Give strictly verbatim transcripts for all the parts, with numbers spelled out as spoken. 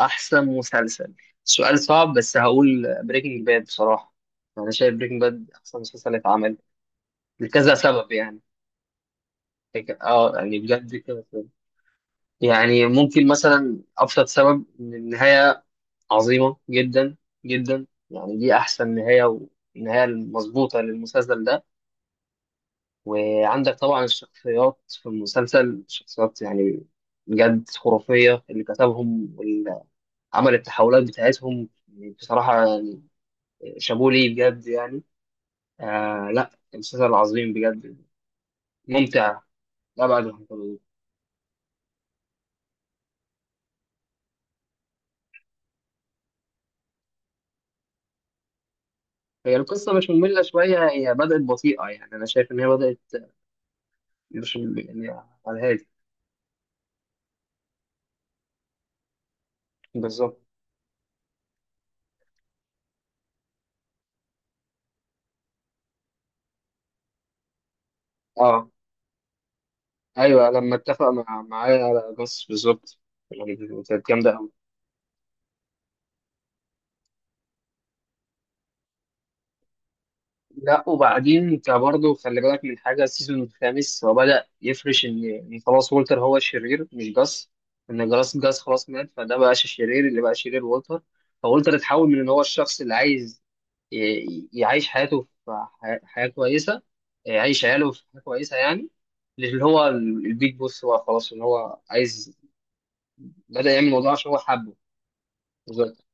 احسن مسلسل، سؤال صعب بس هقول بريكنج باد بصراحه. انا شايف بريكنج باد احسن مسلسل اتعمل لكذا سبب يعني. لك- اه يعني بجد كذا سبب. يعني ممكن مثلا ابسط سبب ان النهايه عظيمه جدا جدا، يعني دي احسن نهايه والنهايه المظبوطه للمسلسل ده. وعندك طبعا الشخصيات في المسلسل شخصيات يعني بجد خرافيه، اللي كتبهم والعمل التحولات بتاعتهم بصراحه شابوه ليه بجد يعني. آه لا، المسلسل عظيم بجد، ممتع لأبعد الحدود. هي القصة مش مملة شوية، هي بدأت بطيئة يعني أنا شايف إن هي بدأت مش يعني على الهادي بالظبط. أه أيوه، لما اتفق مع معايا على بس بالظبط يعني، كانت جامدة أوي. لا وبعدين انت برضه خلي بالك من حاجه السيزون الخامس، هو بدأ يفرش ان ان خلاص وولتر هو الشرير مش جاس. ان جاس جاس خلاص مات، فده بقاش الشرير، اللي بقى شرير وولتر. فولتر اتحول من ان هو الشخص اللي عايز ي- يعيش حياته في ح- حياه كويسه. آه، يعيش عياله في حياه كويسه يعني. اللي هو ال- البيج بوس، هو خلاص ان هو عايز، بدأ يعمل الموضوع عشان هو حبه. بالظبط.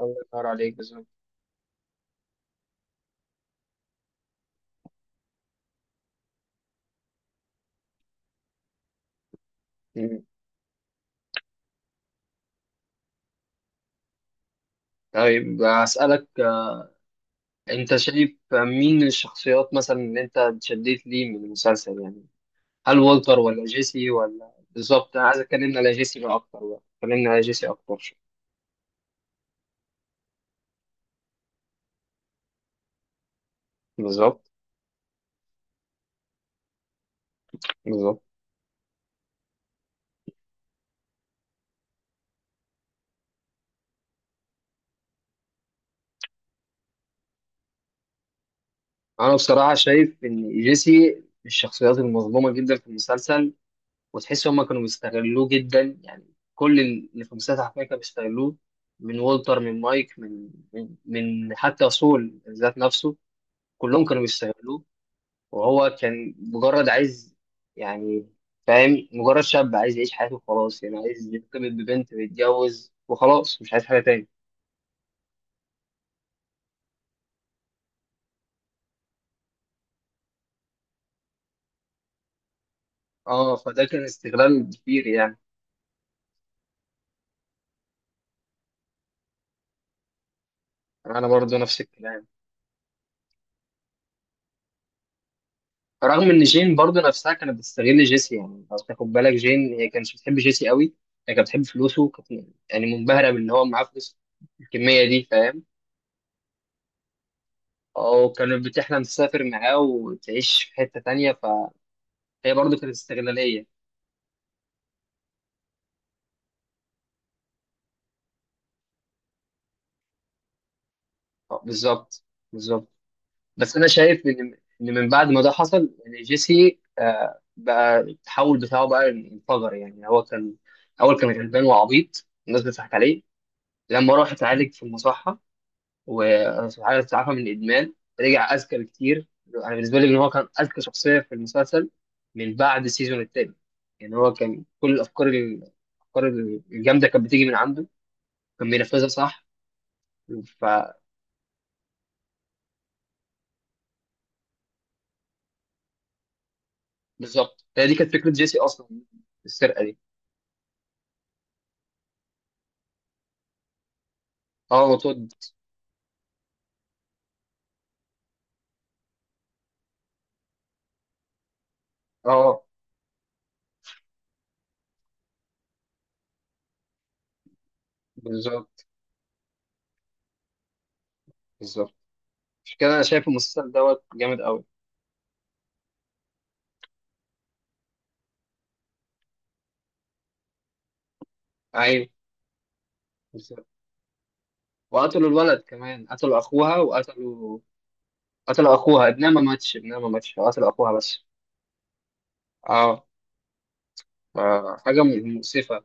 الله ينور عليك. بالظبط. مم. طيب أسألك، انت شايف مين الشخصيات مثلا اللي انت اتشديت ليه من المسلسل يعني؟ هل والتر ولا جيسي ولا؟ بالظبط، انا عايز اتكلمنا على جيسي بقى اكتر، بقى اتكلمنا على جيسي اكتر شوية. بالظبط. بالظبط. انا بصراحة شايف ان جيسي من الشخصيات المظلومة جدا في المسلسل، وتحس هما كانوا بيستغلوه جدا، يعني كل اللي في المسلسل حرفيا كانوا بيستغلوه. من والتر، من مايك، من من, من حتى سول ذات نفسه، كلهم كانوا بيستغلوه. وهو كان مجرد عايز يعني، فاهم، مجرد شاب عايز يعيش حياته وخلاص، يعني عايز يرتبط ببنت ويتجوز وخلاص، مش عايز حاجة تاني. اه فده كان استغلال كبير يعني. انا برضو نفس الكلام. رغم ان جين برضو نفسها كانت بتستغل جيسي، يعني لو تاخد بالك جين هي كانت بتحب جيسي قوي، هي كانت بتحب فلوسه، كانت يعني منبهرة بان هو معاه فلوس الكمية دي فاهم. او كانت بتحلم تسافر معاه وتعيش في حتة تانية، فهي برضو كانت استغلالية. آه، بالظبط. بالظبط. بس انا شايف ان ان من بعد ما ده حصل يعني جيسي، آه، بقى التحول بتاعه بقى انفجر، يعني هو كان اول كان غلبان وعبيط الناس بتضحك عليه، لما راح اتعالج في المصحه وسبحان تعافى من الادمان رجع اذكى بكتير. انا بالنسبه لي ان هو كان اذكى شخصيه في المسلسل من بعد السيزون التاني، يعني هو كان كل الافكار، الافكار الجامده كانت بتيجي من عنده، كان بينفذها صح. فبالظبط هي دي كانت فكره جيسي اصلا، السرقه دي. اه وتود. اه بالظبط. بالظبط. مش كده؟ انا شايف المسلسل دوت جامد قوي. ايوه. بالظبط، وقتلوا الولد كمان، قتلوا اخوها وقتلوا. قتلوا اخوها، ابنها ما ماتش، ابنها ما ماتش، قتلوا اخوها بس. اه. آه، حاجه م- مؤسفه.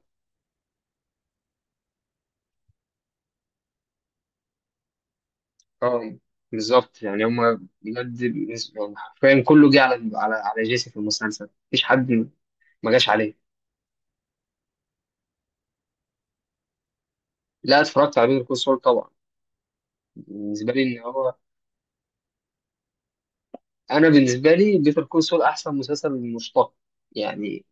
اه بالظبط، يعني هم بجد بس- يعني حرفيا كله جه على على على جيسي في المسلسل، مفيش حد م- ما جاش عليه. لا، اتفرجت على بيتر كول سول طبعا. بالنسبه لي ان هو، انا بالنسبه لي بيتر كول سول احسن مسلسل مشتق، يعني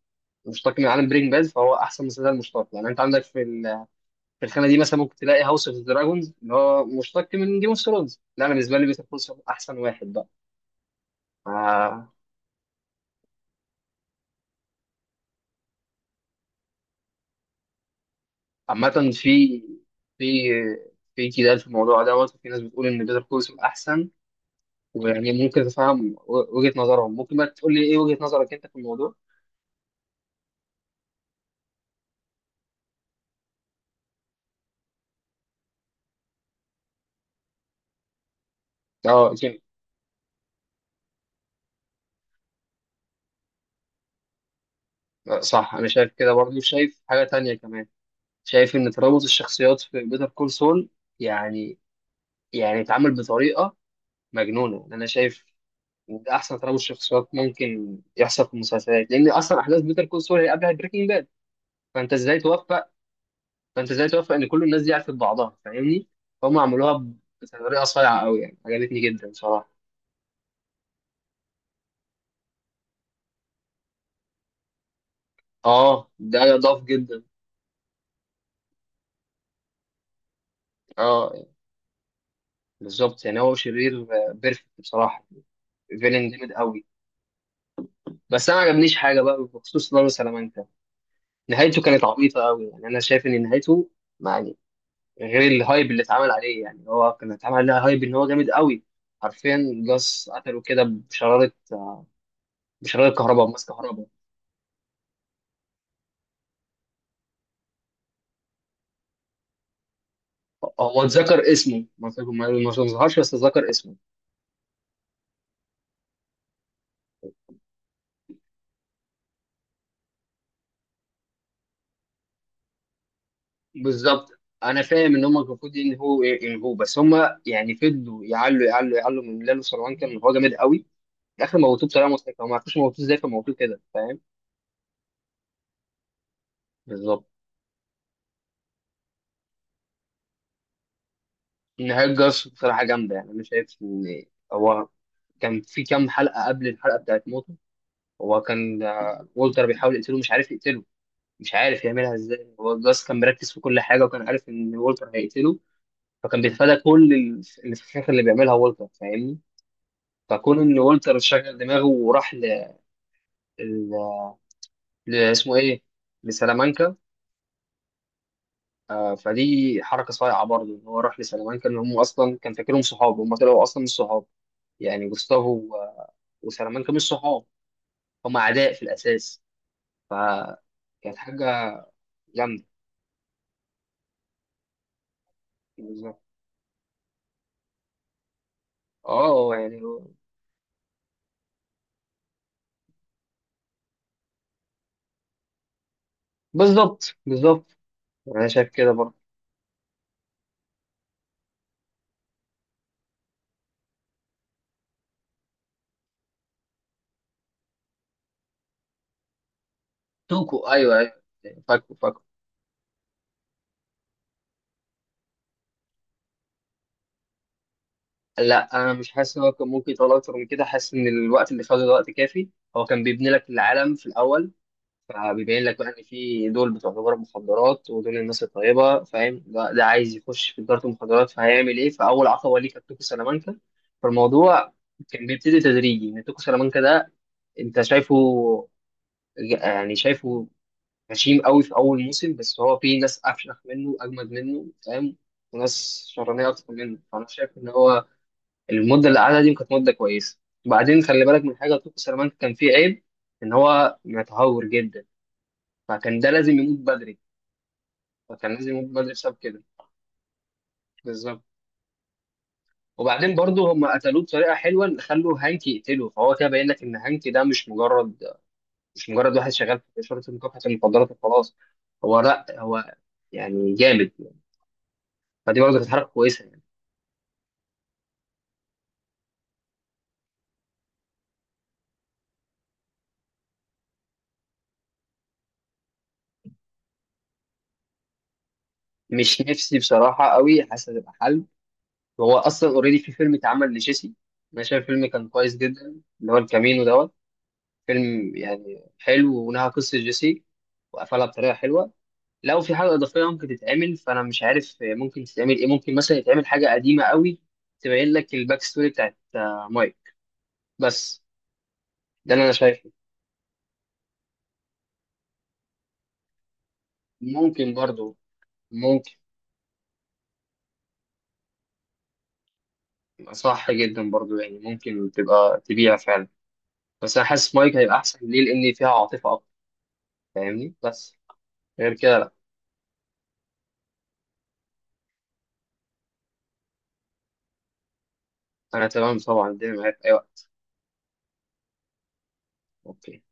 مشتق من عالم برينج باد، فهو احسن مسلسل مشتق. يعني انت عندك في ال- في الخانه دي، مثلا ممكن تلاقي هاوس اوف دراجونز اللي هو مشتق من جيم اوف ثرونز، لا انا بالنسبه لي بيتر كول احسن واحد بقى. آه، عامه في في في جدال في الموضوع دوت، وفي ناس بتقول ان بيتر كول احسن. ويعني ممكن تفهم و- وجهه نظرهم، ممكن بقى تقول لي ايه وجهه نظرك انت في الموضوع؟ اه جيم. آه، صح، انا شايف كده برضه، شايف حاجه تانية كمان. شايف ان ترابط الشخصيات في بيتر كول سول يعني، يعني اتعمل بطريقه مجنونه، يعني انا شايف ان ده احسن ترابط شخصيات ممكن يحصل في المسلسلات، لان اصلا احداث بيتر كول سول هي قبلها بريكنج باد. فانت ازاي توفق فانت ازاي توفق ان كل الناس دي عرفت بعضها فاهمني. فهم عملوها ب- بطريقه صايعه قوي، يعني عجبتني جدا صراحه. اه ده يضاف جدا. اه بالظبط، يعني هو شرير بيرفكت بصراحه، فيلن جامد قوي. بس انا ما عجبنيش حاجه بقى بخصوص دار سلامانكا، نهايته كانت عبيطه قوي، يعني انا شايف ان نهايته، غير الهايب اللي اتعمل عليه، يعني هو كان اتعمل عليه هايب ان هو جامد قوي حرفيا. جاس قتله كده بشرارة، بشرارة كهرباء، بماس كهرباء. هو اتذكر اسمه، ما ما- ما ظهرش بس اتذكر اسمه. بالظبط، انا فاهم ان هم المفروض ان هو ان هو بس، هم يعني فضلوا يعلوا، يعلوا، يعلوا من لالو سلوان كان هو جامد قوي. في الاخر موتوه بطريقه مضحكه، هم ما عرفوش موتوه ازاي، فموتوه كده فاهم. بالظبط. نهايه جاس بصراحه جامده، يعني انا شايف ان هو كان في كام حلقه قبل الحلقه بتاعت موت، هو كان آه، والتر بيحاول يقتله مش عارف يقتله، مش عارف يعملها ازاي. هو جاس كان مركز في كل حاجه، وكان عارف ان والتر هيقتله، فكان بيتفادى كل ال- الفخاخ اللي بيعملها والتر فاهمني. فكون ان والتر شغل دماغه وراح ل... ل... ل... اسمه ايه، لسلامانكا. آه، فدي حركه صايعه برضه، ان هو راح لسلامانكا، ان هم اصلا كان فاكرهم صحاب، هم طلعوا اصلا مش صحاب، يعني جوستافو و- وسلامانكا مش صحاب، هم اعداء في الاساس، فكانت حاجه جامده. بالظبط، اه يعني بالظبط. بالظبط، انا شايف كده برضه. توكو، ايوه ايوه. فاكو فاكو. لا انا مش حاسس ان هو كان ممكن يطلع اكتر من كده، حاسس ان الوقت اللي خده ده وقت كافي، هو كان بيبني لك العالم في الاول، فبيبين لك بقى ان في دول بتوع تجار مخدرات ودول الناس الطيبه فاهم، ده, ده عايز يخش في تجاره المخدرات فهيعمل ايه، فاول عقبه ليه كانت توكو سلامانكا. فالموضوع كان بيبتدي تدريجي ان توكو سلامانكا ده انت شايفه، يعني شايفه غشيم قوي في اول موسم، بس هو في ناس افشخ منه اجمد منه فاهم، وناس شرانيه اكتر منه، فانا شايف ان هو المده اللي قعدها دي كانت مده كويسه. وبعدين خلي بالك من حاجه، توكو سلامانكا كان فيه عيب ان هو متهور جدا، فكان ده لازم يموت بدري، فكان لازم يموت بدري بسبب كده. بالظبط. وبعدين برضه هم قتلوه بطريقه حلوه ان خلوا هانك يقتله، فهو كده باين لك ان هانك ده مش مجرد، مش مجرد واحد شغال في شرطه مكافحه المخدرات وخلاص، هو لا، هو يعني جامد، فدي برضه كانت حركه كويسه. مش نفسي بصراحة قوي، حاسس هتبقى حل، وهو أصلا اوريدي في فيلم اتعمل لجيسي، أنا شايف الفيلم كان كويس جدا، اللي هو الكامينو دوت. فيلم يعني حلو، ونهى قصة جيسي وقفلها بطريقة حلوة. لو في حاجة إضافية ممكن تتعمل، فأنا مش عارف ممكن تتعمل إيه، ممكن مثلا يتعمل حاجة قديمة قوي، تبين لك الباك ستوري بتاعت آه، مايك بس. ده اللي أنا شايفه. ممكن برضو. ممكن، صح جدا برضو، يعني ممكن تبقى تبيع فعلا. بس أنا حاسس مايك هيبقى أحسن ليه لأن فيها عاطفة فاهمني، بس غير كده لا. انا تمام طبعا، الدنيا معايا في اي وقت. اوكي.